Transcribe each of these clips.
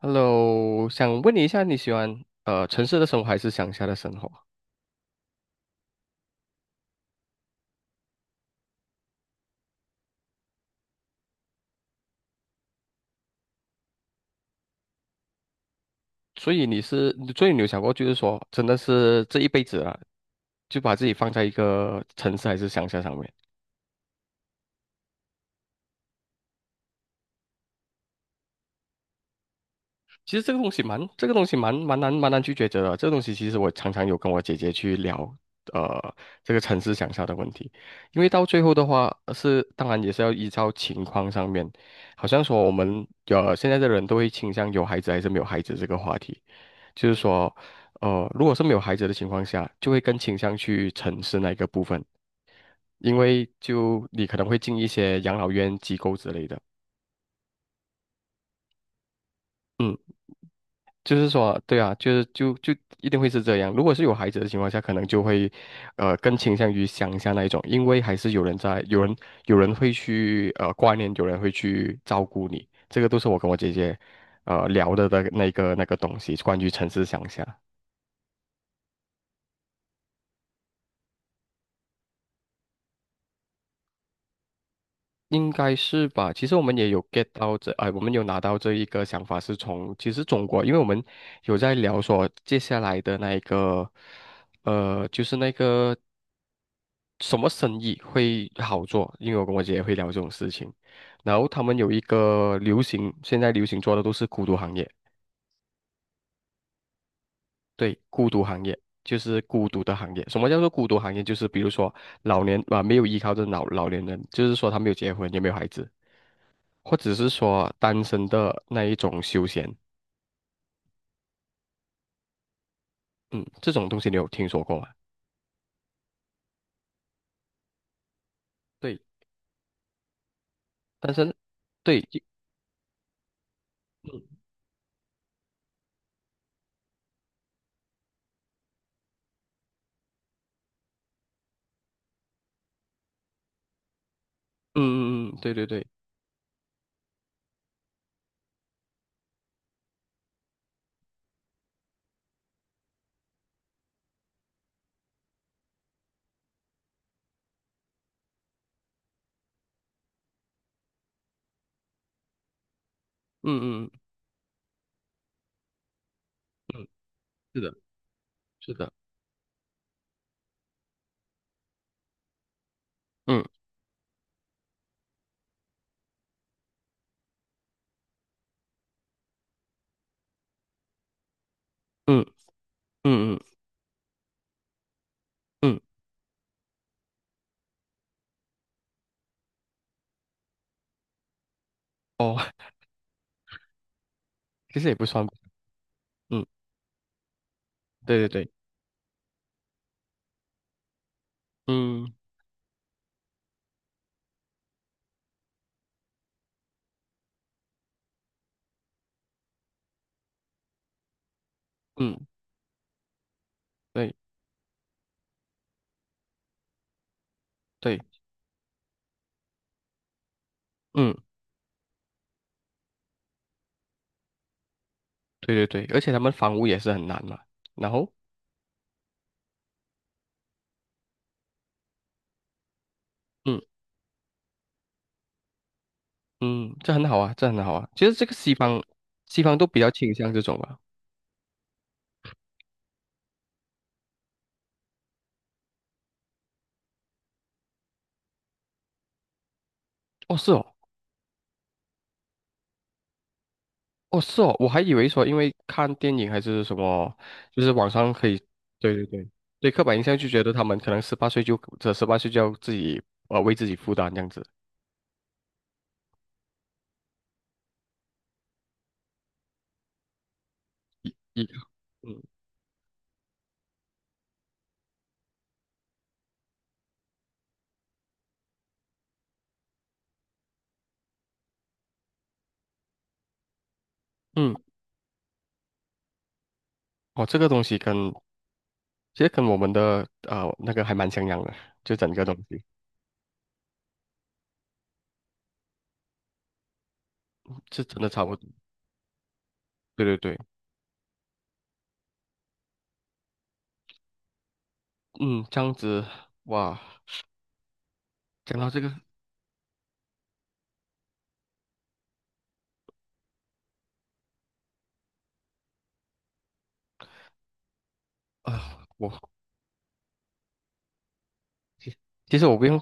Hello，想问你一下，你喜欢城市的生活还是乡下的生活？所以你是，所以你有想过，就是说，真的是这一辈子啊，就把自己放在一个城市还是乡下上面？其实这个东西蛮难去抉择的。这个东西其实我常常有跟我姐姐去聊，呃，这个城市乡下的问题，因为到最后的话是，当然也是要依照情况上面，好像说我们现在的人都会倾向有孩子还是没有孩子这个话题。就是说，如果是没有孩子的情况下，就会更倾向去城市那一个部分，因为就你可能会进一些养老院机构之类的。就是说，对啊，就是一定会是这样。如果是有孩子的情况下，可能就会，更倾向于乡下那一种，因为还是有人在，有人会去挂念，有人会去照顾你，这个都是我跟我姐姐，聊的那个东西，关于城市乡下。应该是吧？其实我们也有 get 到这，哎，我们有拿到这一个想法，是从其实中国，因为我们有在聊说接下来的那一个，就是那个什么生意会好做，因为我跟我姐姐会聊这种事情，然后他们有一个流行，现在流行做的都是孤独行业，对，孤独行业。就是孤独的行业。什么叫做孤独行业？就是比如说老年啊，没有依靠的老年人，就是说他没有结婚，也没有孩子，或者是说单身的那一种休闲，嗯，这种东西你有听说过吗？对，单身，对，就嗯嗯嗯嗯，对对对，嗯嗯嗯嗯，是的，是的，嗯嗯嗯嗯嗯，哦，其实也不算吧，嗯，对对对，嗯嗯，对对，嗯对对对，而且他们房屋也是很难嘛，然后嗯嗯，这很好啊，这很好啊，其实这个西方都比较倾向这种啊，哦是哦。哦，是哦，我还以为说，因为看电影还是什么，就是网上可以，对对对，对刻板印象就觉得他们可能十八岁就要自己为自己负担这样子。一嗯嗯，哦，这个东西跟其实跟我们的那个还蛮像样的，就整个东西是真的差不多。对对对，嗯，这样子哇，讲到这个啊、我其其实我不用，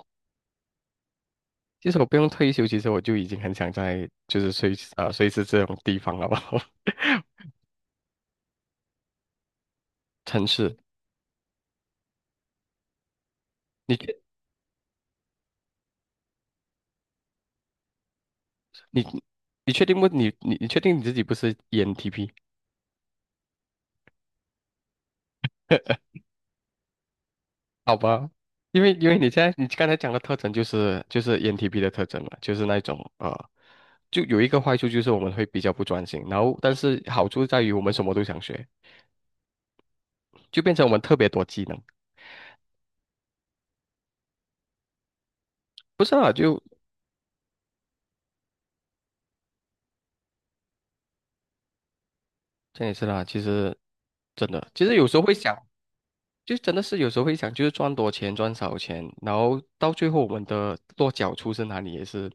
其实我不用退休，其实我就已经很想在就是瑞士啊、瑞士这种地方了吧。城市，你确你你确定你自己不是 ENTP？好吧，因为你现在你刚才讲的特征就是ENTP 的特征了，就是那种就有一个坏处就是我们会比较不专心，然后但是好处在于我们什么都想学，就变成我们特别多技能。不是啊？就这样也是啦，其实真的，其实有时候会想。就真的是有时候会想，就是赚多钱赚少钱，然后到最后我们的落脚处是哪里，也是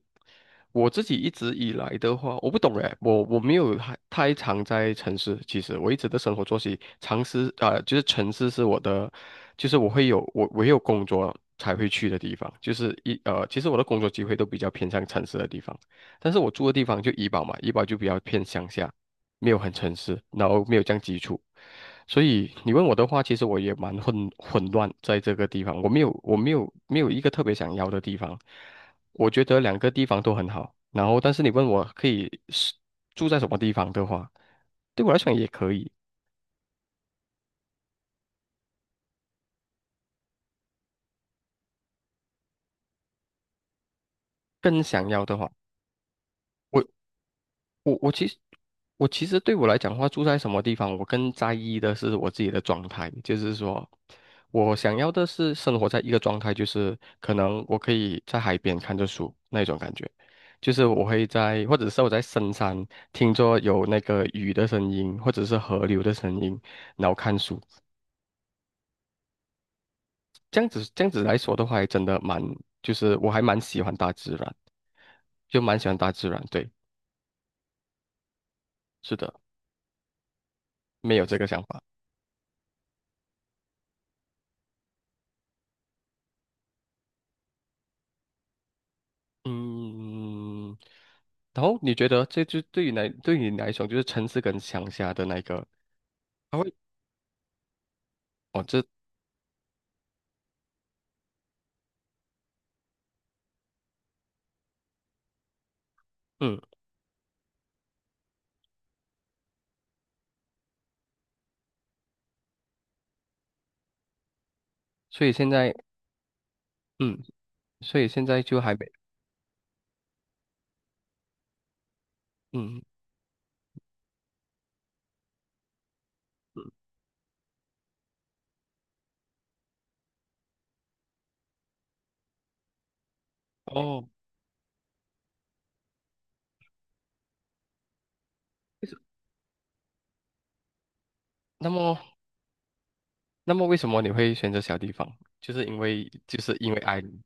我自己一直以来的话，我不懂哎，我没有太常在城市，其实我一直的生活作息，常是啊、就是城市是我的，就是我有工作才会去的地方，就是其实我的工作机会都比较偏向城市的地方，但是我住的地方就怡保嘛，怡保就比较偏乡下。没有很诚实，然后没有这样基础，所以你问我的话，其实我也蛮混乱在这个地方，我没有一个特别想要的地方，我觉得两个地方都很好，然后但是你问我可以是住在什么地方的话，对我来讲也可以，更想要的话。我。我我其实我其实对我来讲的话，住在什么地方，我更在意的是我自己的状态，就是说，我想要的是生活在一个状态，就是可能我可以在海边看着书那种感觉，就是我会在，或者是我在深山听着有那个雨的声音，或者是河流的声音，然后看书，这样子来说的话，还真的蛮，就是我还蛮喜欢大自然，就蛮喜欢大自然，对，是的，没有这个想法。嗯，然后你觉得这就对于来对于你来说，就是城市跟乡下的那个，它会哦这嗯，所以现在嗯，所以现在就还没嗯嗯哦，为什那么那么为什么你会选择小地方？就是因为爱你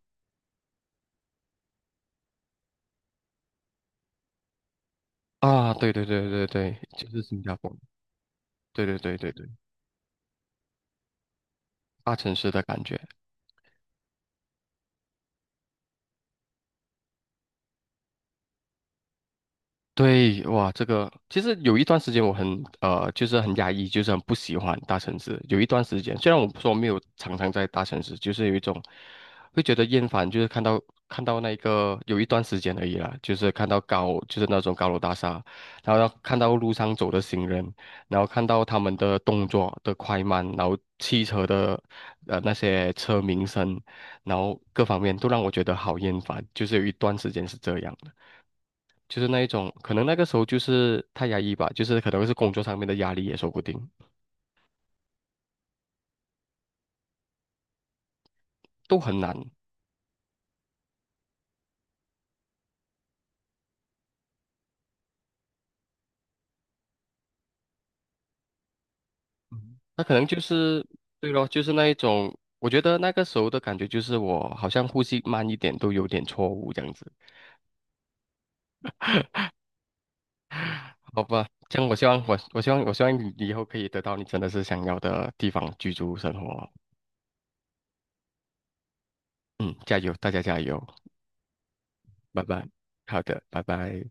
啊，对对对对对，就是新加坡，对对对对对，大城市的感觉，对，哇，这个其实有一段时间我很就是很压抑，就是很不喜欢大城市。有一段时间，虽然我说没有常常在大城市，就是有一种会觉得厌烦，就是看到那个有一段时间而已啦，就是看到就是那种高楼大厦，然后要看到路上走的行人，然后看到他们的动作的快慢，然后汽车的那些车鸣声，然后各方面都让我觉得好厌烦，就是有一段时间是这样。就是那一种，可能那个时候就是太压抑吧，就是可能是工作上面的压力也说不定，都很难。嗯那可能就是，对咯，就是那一种，我觉得那个时候的感觉就是我好像呼吸慢一点都有点错误这样子，好吧？这样我希望你以后可以得到你真的是想要的地方居住生活，嗯，加油，大家加油，拜拜，好的，拜拜。